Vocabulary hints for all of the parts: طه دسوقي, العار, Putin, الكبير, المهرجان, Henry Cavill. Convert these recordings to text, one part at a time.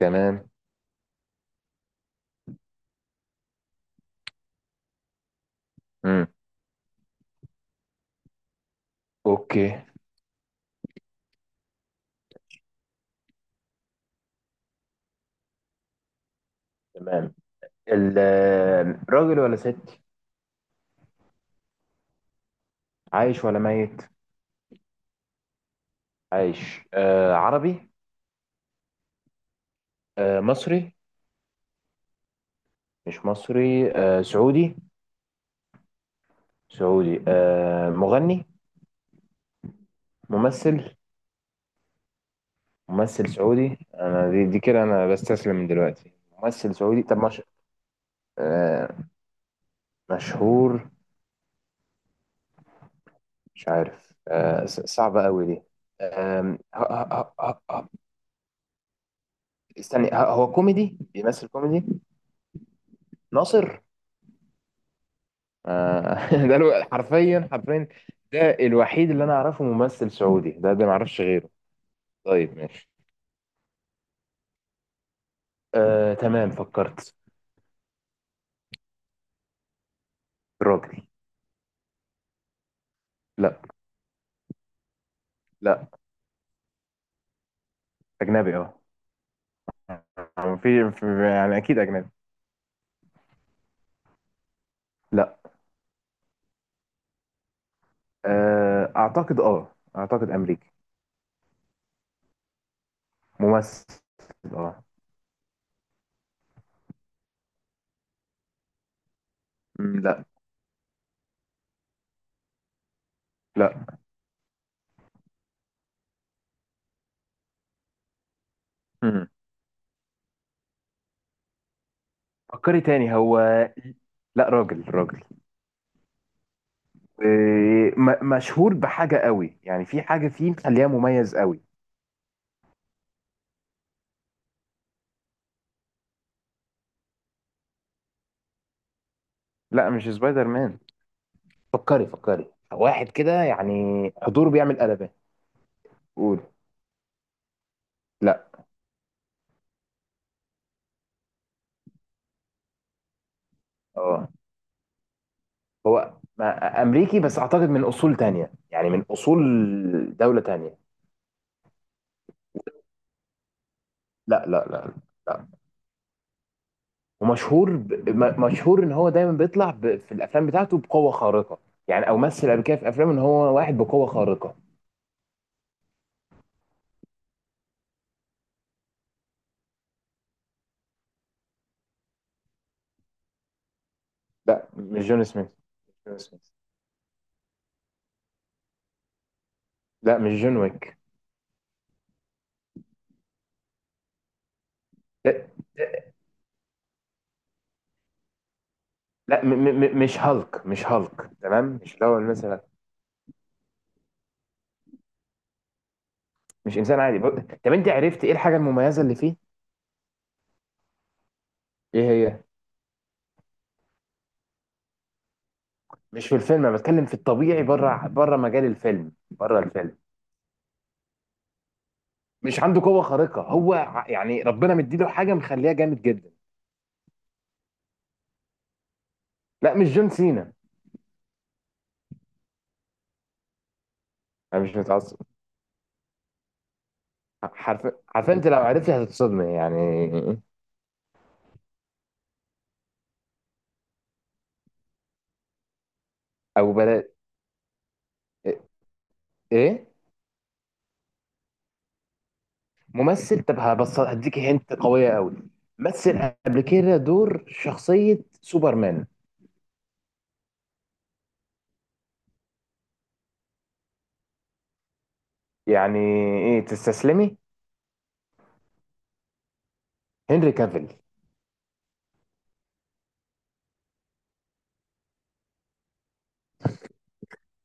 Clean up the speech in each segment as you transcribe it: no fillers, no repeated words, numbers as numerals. تمام. امم اوكي. تمام. ال- راجل ولا ست؟ عايش ولا ميت؟ عايش، آه. عربي؟ آه، مصري؟ مش مصري، آه سعودي. سعودي، آه مغني؟ ممثل. ممثل سعودي. انا دي كده انا بستسلم من دلوقتي. ممثل سعودي، طب مش آه مشهور؟ مش عارف، آه صعبة قوي دي. آم، ه- ه- ه- ه- استني، هو كوميدي؟ بيمثل كوميدي. ناصر. ده حرفيا، ده الوحيد اللي انا اعرفه ممثل سعودي، ده ما اعرفش غيره. طيب ماشي. آه تمام، فكرت. راجل. لا. لا. اجنبي، اه. يعني يعني اكيد اجنبي. لا. آه اعتقد، امريكي. ممثل. اه. لا. لا. مم. فكري تاني هو. لا راجل، راجل. مشهور بحاجة قوي، يعني في حاجة فيه مخليها مميز قوي. لا مش سبايدر مان. فكري واحد كده يعني. حضور بيعمل قلبان. قول. لا. اه. هو امريكي بس اعتقد من اصول تانية، يعني من اصول دولة تانية. لا. لا. ومشهور ب... مشهور ان هو دايما بيطلع ب... في الافلام بتاعته بقوة خارقة. يعني او مثل قبل كده في افلام ان هو واحد بقوة خارقة. لا مش جون سميث، مش جون سميث. لا مش جون ويك. لا, لا م... م... مش هالك، مش هالك تمام، مش اللي هو مثلا. مش انسان عادي ب... طب انت عرفت ايه الحاجة المميزة اللي فيه؟ ايه هي؟ مش في الفيلم، انا بتكلم في الطبيعي، بره بره مجال الفيلم، بره الفيلم. مش عنده قوه خارقه؟ هو يعني ربنا مديله حاجه مخليها جامد جدا. لا مش جون سينا. انا مش متعصب. حرفيا انت لو عرفتي هتتصدمي يعني. او بلا. ايه؟ ممثل. طب هبص هديكي هنت قويه قوي. مثل قبل كده دور شخصيه سوبرمان. يعني ايه تستسلمي؟ هنري كافيل.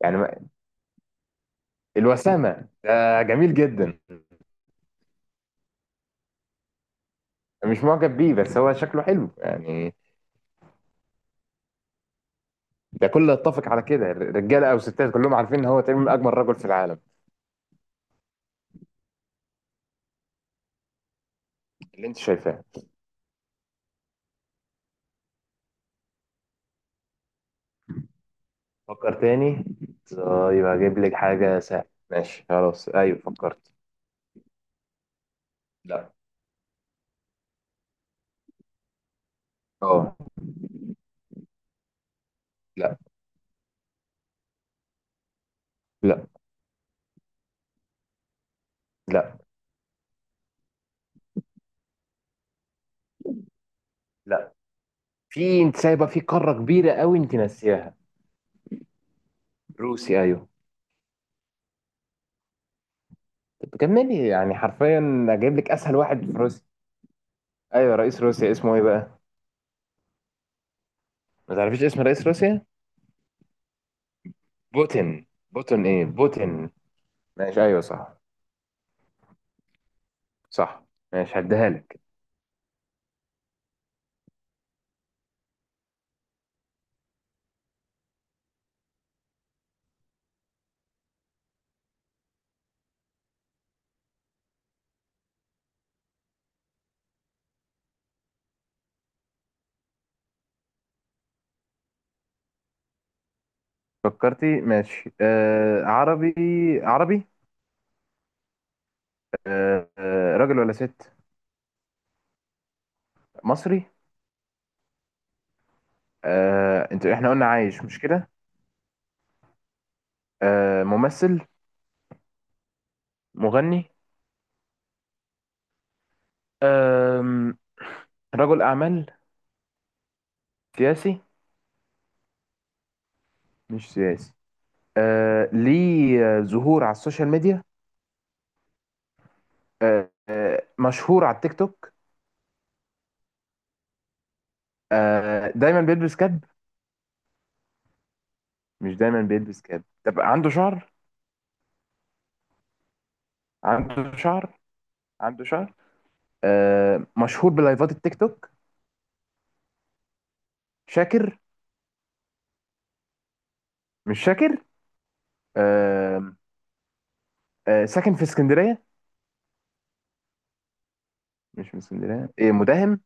يعني الوسامه، ده جميل جدا. مش معجب بيه، بس هو شكله حلو يعني. ده كله يتفق على كده، رجاله او ستات كلهم عارفين ان هو تقريبا من اجمل رجل في العالم. اللي انت شايفاه. فكر تاني. طيب هجيب لك حاجه سهله. ماشي خلاص، ايوه فكرت. لا. اه. لا. لا. لا. لا. في انت سايبه في قاره كبيره قوي انت ناسياها. روسي، ايوه. طب كملي يعني حرفيا، اجيب لك اسهل واحد في روسيا. ايوه، رئيس روسيا اسمه ايه بقى؟ ما تعرفيش اسم رئيس روسيا؟ بوتين ايه، بوتين. ماشي، ايوه صح. صح. ماشي، هديها لك. فكرتي ماشي. آه عربي؟ عربي. آه. راجل ولا ست؟ مصري؟ آه، انت احنا قلنا عايش مش كده؟ آه، ممثل؟ مغني؟ آه رجل اعمال؟ سياسي؟ مش سياسي. آه ليه ظهور على السوشيال ميديا؟ مشهور على التيك توك؟ آه دايما بيلبس كاب؟ مش دايما بيلبس كاب. طب عنده شعر؟ عنده شعر؟ عنده شعر. آه مشهور بلايفات التيك توك. شاكر؟ مش فاكر. آم، ساكن في اسكندرية؟ مش من اسكندرية، إيه مداهم؟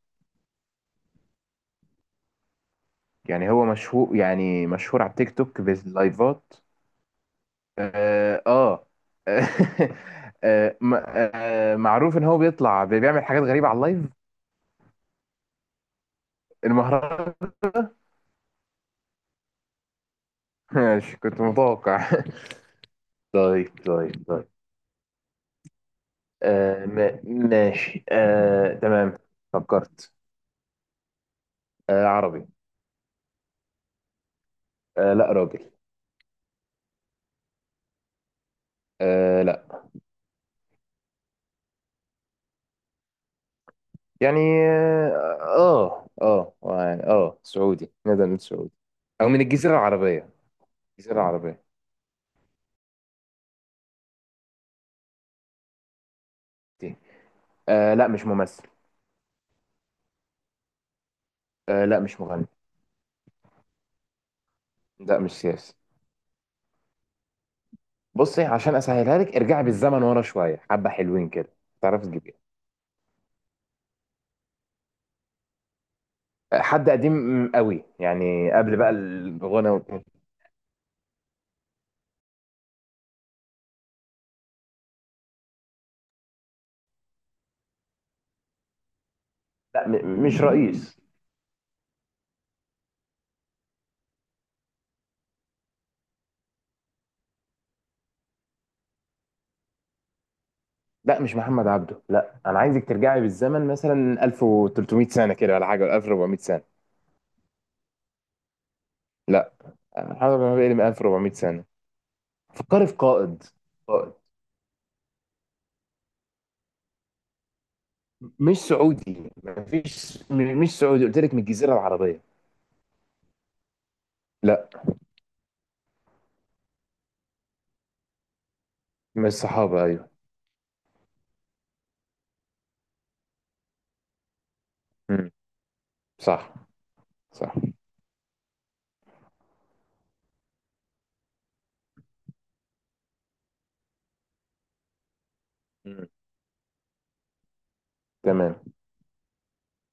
يعني هو مشهور، يعني مشهور على التيك توك باللايفات. اه آه. آه، م- معروف ان هو بيطلع بيعمل حاجات غريبة على اللايف. المهرجان. ماشي كنت متوقع. طيب. آه ماشي. آه تمام، فكرت. آه عربي. آه لا راجل. آه لا. يعني. اه آه، يعني اه سعودي نقدر نقول سعودي، او من الجزيره العربيه. الجزيره العربيه دي. آه لا مش ممثل. آه لا مش مغني. لا مش سياسي. بصي عشان اسهلها لك، ارجعي بالزمن ورا شويه حبه حلوين كده. تعرف تجيبيه؟ آه، حد قديم قوي يعني، قبل بقى الغنى وكده. لا مش رئيس. لا مش محمد عبده. لا انا عايزك ترجعي بالزمن مثلا 1300 سنه كده، ولا حاجه، ولا 1400 سنه. لا. محمد عبده بيقل من 1400 سنه. فكري في قائد. قائد. مش سعودي، مفيش، مش سعودي قلت لك، من الجزيرة العربية. لا. من الصحابة، أيوه. مم. صح. صح. مم. تمام.